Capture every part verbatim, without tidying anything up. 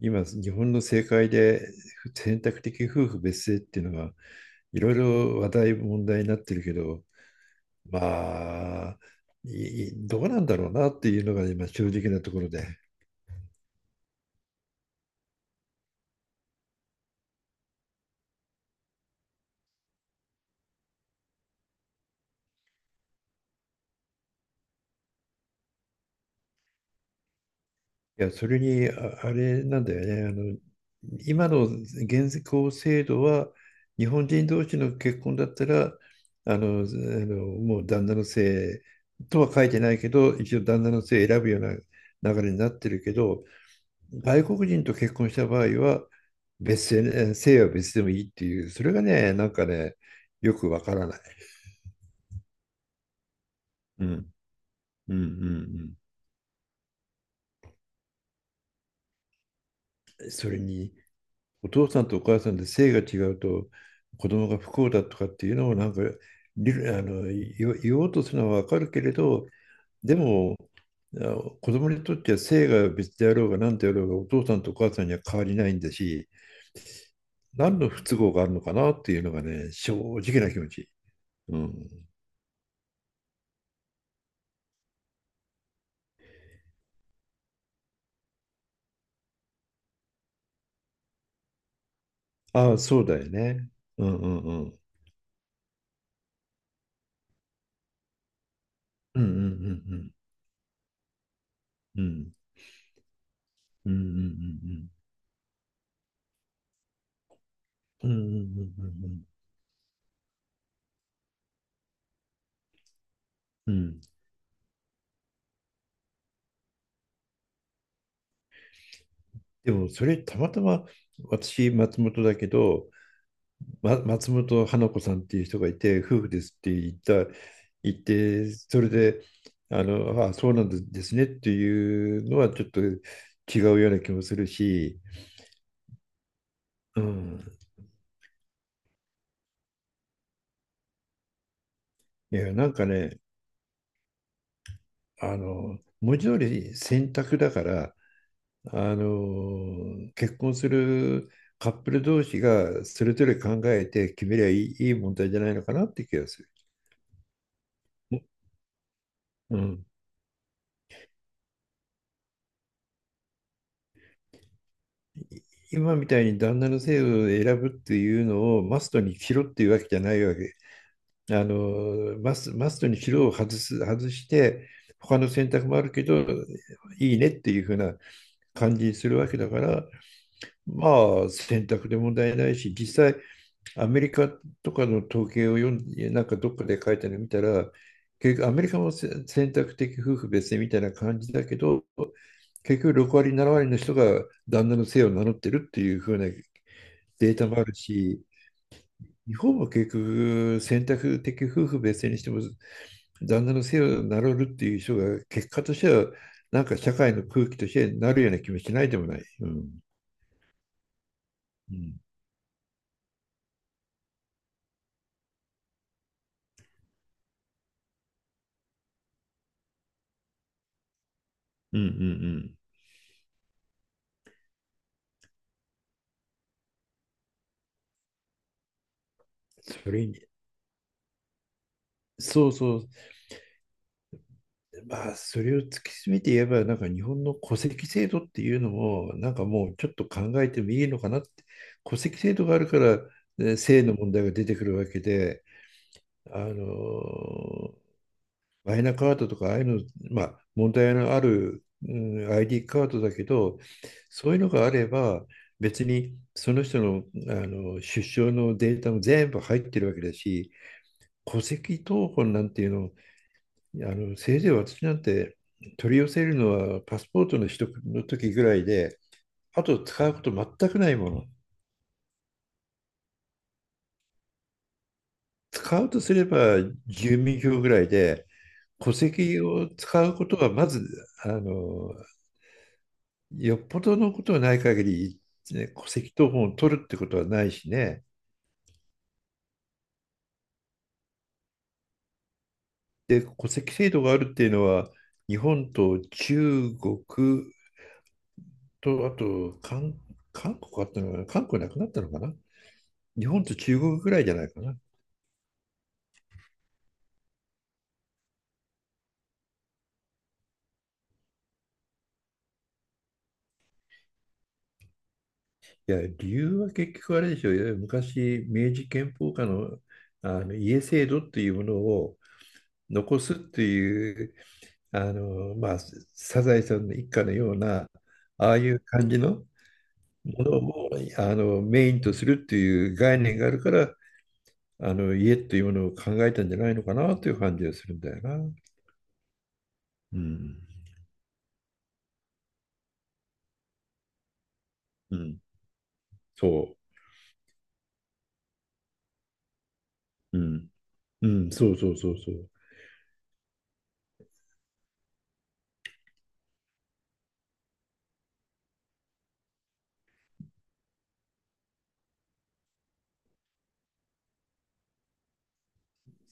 今、日本の政界で選択的夫婦別姓っていうのがいろいろ話題、問題になってるけど、まあ、いどうなんだろうなっていうのが今、正直なところで。いや、それに、ああれなんだよね。あの、今の現行制度は、日本人同士の結婚だったら、あの、あのもう旦那の姓とは書いてないけど、一応旦那の姓選ぶような流れになってるけど、外国人と結婚した場合は別姓ね、えー姓は別でもいいっていう、それがね、なんかね、よくわからない。うん、うん、うんうん。それに、お父さんとお母さんで姓が違うと子供が不幸だとかっていうのをなんか理あの言お言おうとするのはわかるけれど、でも、あ子供にとっては姓が別であろうが何であろうがお父さんとお母さんには変わりないんだし、何の不都合があるのかなっていうのがね、正直な気持ち。うんああ、そうだよね。うんうんうん。うんうんうんうん。うんうんうんうん。うんうんうんうんうん。でもそれたまたま私松本だけど、ま、松本花子さんっていう人がいて夫婦ですって言った言ってそれであのあそうなんですねっていうのはちょっと違うような気もするし、うん、いやなんかねあの文字通り選択だからあの結婚するカップル同士がそれぞれ考えて決めりゃいい、いい問題じゃないのかなって気がする。うん、今みたいに旦那の姓を選ぶっていうのをマストにしろっていうわけじゃないわけ。あのマス、マストにしろを外す、外して他の選択もあるけどいいねっていうふうな感じにするわけだからまあ選択で問題ないし、実際アメリカとかの統計を読んで、なんかどっかで書いたの見たら、結局アメリカもせ選択的夫婦別姓みたいな感じだけど、結局ろく割、なな割の人が旦那の姓を名乗ってるっていう風なデータもあるし、日本も結局選択的夫婦別姓にしても、旦那の姓を名乗るっていう人が結果としては、なんか社会の空気としてなるような気もしないでもない。うん。うんうんうんうん。それに、そうそう、まあ、それを突き詰めて言えば、なんか日本の戸籍制度っていうのも、なんかもうちょっと考えてもいいのかなって、戸籍制度があるから、ね性の問題が出てくるわけで、あの、マイナカードとか、ああいうの、まあ、問題のある、うん、アイディー カードだけど、そういうのがあれば、別にその人の、あの出生のデータも全部入ってるわけだし、戸籍謄本なんていうのあのせいぜい私なんて取り寄せるのはパスポートの取得の時ぐらいで、あと使うこと全くないもの。使うとすれば住民票ぐらいで、戸籍を使うことはまず、あの、よっぽどのことはない限り、ね、戸籍謄本を取るってことはないしね。で、戸籍制度があるっていうのは、日本と中国と、あと韓、韓国あったのかな、韓国なくなったのかな。日本と中国ぐらいじゃないかな。いや、理由は結局あれでしょう。いわゆる昔、明治憲法下の、あの家制度っていうものを残すっていう、あの、まあ、サザエさんの一家のような、ああいう感じのものをあのメインとするっていう概念があるから、あの家っていうものを考えたんじゃないのかなという感じがするんだよな。うん。うん。そう。うん。うん。そうそうそうそう。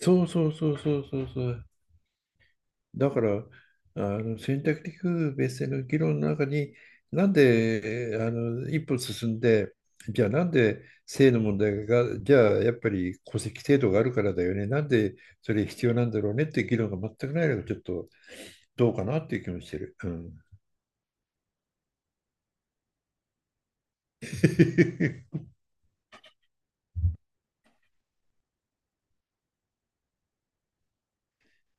そうそうそうそうそうそう。だから、あの選択的夫婦別姓の議論の中に、なんであの一歩進んで、じゃあなんで性の問題が、じゃあやっぱり戸籍制度があるからだよね、なんでそれ必要なんだろうねっていう議論が全くないのがちょっとどうかなっていう気もしてる。うん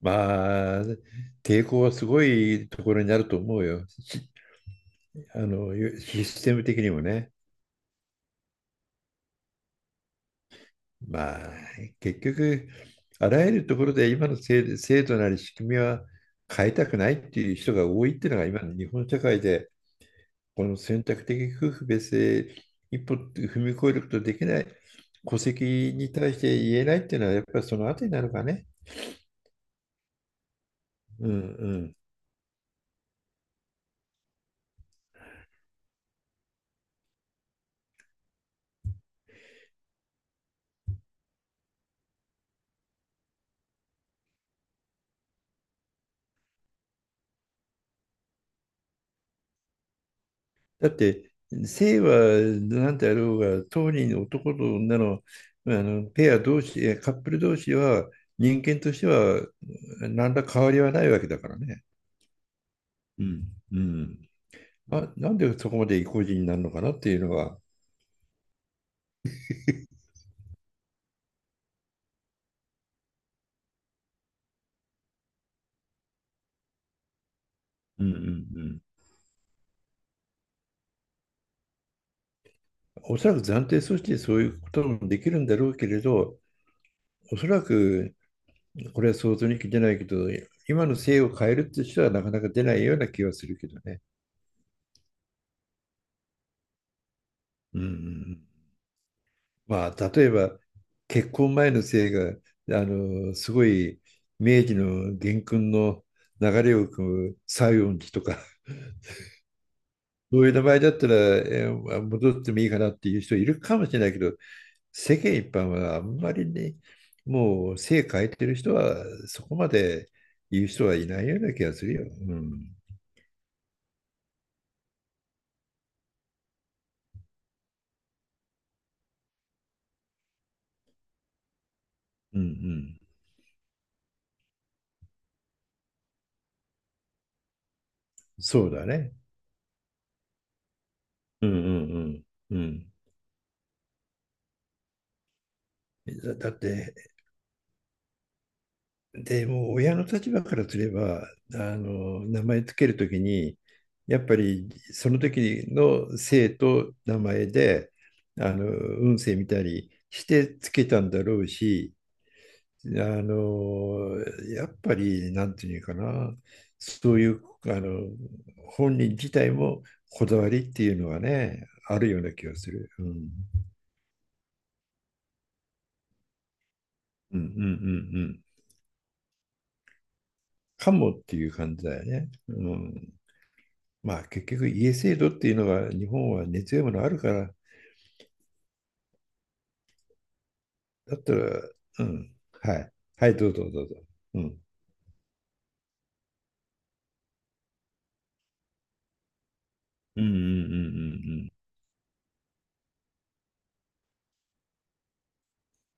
まあ、抵抗はすごいところになると思うよ。しあの、システム的にもね。まあ、結局、あらゆるところで今の制制度なり仕組みは変えたくないっていう人が多いっていうのが今の日本社会で、この選択的夫婦別姓一歩踏み越えることできない、戸籍に対して言えないっていうのは、やっぱりそのあたりなのかね。うんうん。だって、性は何であろうが、当人男と女の、まあのペア同士、カップル同士は人間としては何ら変わりはないわけだからね。うん、うん、あ、なんでそこまで意固地になるのかなっていうのは、うん、うん、うん。おそらく暫定措置でそういうこともできるんだろうけれど、おそらくこれは想像に聞いてないけど、今の制を変えるって人はなかなか出ないような気はするけどね。うんうんうん、まあ、例えば結婚前の制が、あの、すごい明治の元勲の流れを組む西園寺とか、そういう名前だったら、えー戻ってもいいかなっていう人いるかもしれないけど、世間一般はあんまりね、もう性変えてる人はそこまで言う人はいないような気がするよ。うん。うんうん。そうだね。うんうんうん。うんだだって、でも親の立場からすれば、あの名前つけるときに、やっぱりその時の姓と名前で、あの運勢見たりしてつけたんだろうし、あの、やっぱり、なんていうかな、そういう、あの、本人自体もこだわりっていうのはね、あるような気がする。うん。うんうんうんうん。かもっていう感じだよね。うん。まあ、結局、家制度っていうのは、日本は根強いものあるから、だったら、うん。はい。はい、どうぞどうぞ。うん。うんうんうんうん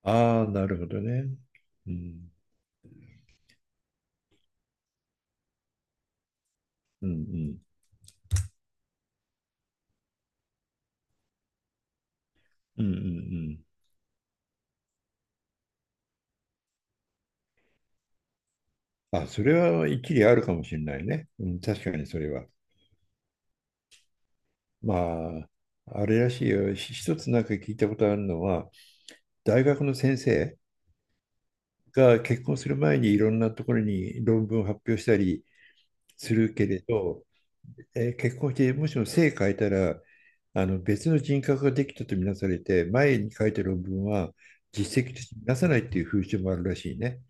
うん。ああ、なるほどね。うん。うんうん。うんうんうん。あ、それは一理あるかもしれないね。うん、確かにそれは。まあ、あれらしいよ。ひ一つなんか聞いたことあるのは、大学の先生が結婚する前にいろんなところに論文を発表したりするけれど、えー結婚してもしも姓変えたら、あの別の人格ができたとみなされて、前に書いた論文は実績としてみなさないっていう風習もあるらしいね。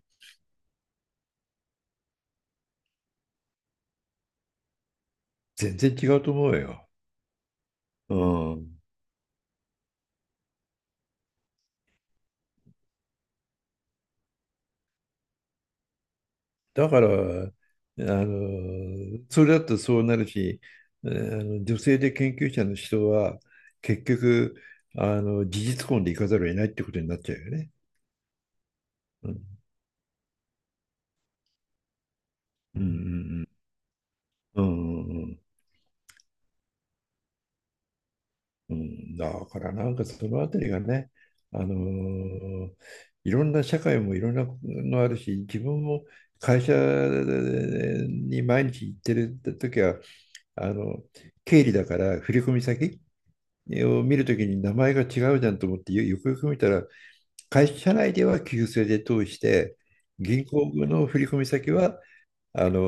全然違うと思うよ。うん。だから、あの、それだとそうなるし、えーあの女性で研究者の人は、結局、あの、事実婚でいかざるを得ないってことになっちゃうよね。うん、うん、うん、うん、うん、うんうんだからなんかそのあたりがね、あのーいろんな社会もいろんなのあるし、自分も会社に毎日行ってる時は、あの、経理だから振込先を見るときに名前が違うじゃんと思ってよよくよく見たら会社内では旧姓で通して銀行の振込先はあの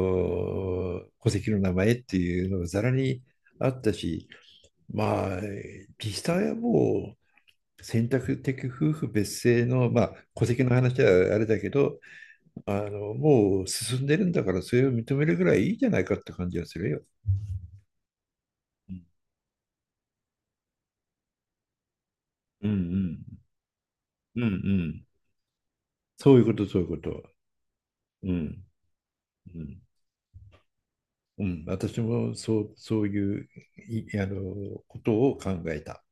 戸籍の名前っていうのがざらにあったし、まあ実際はもう選択的夫婦別姓の、まあ、戸籍の話はあれだけどあのもう進んでるんだからそれを認めるぐらいいいじゃないかって感じがするよ。うんうんうんうんうん。そういうことそういうこと。うんうんうん、私もそう、そういういあのことを考えた。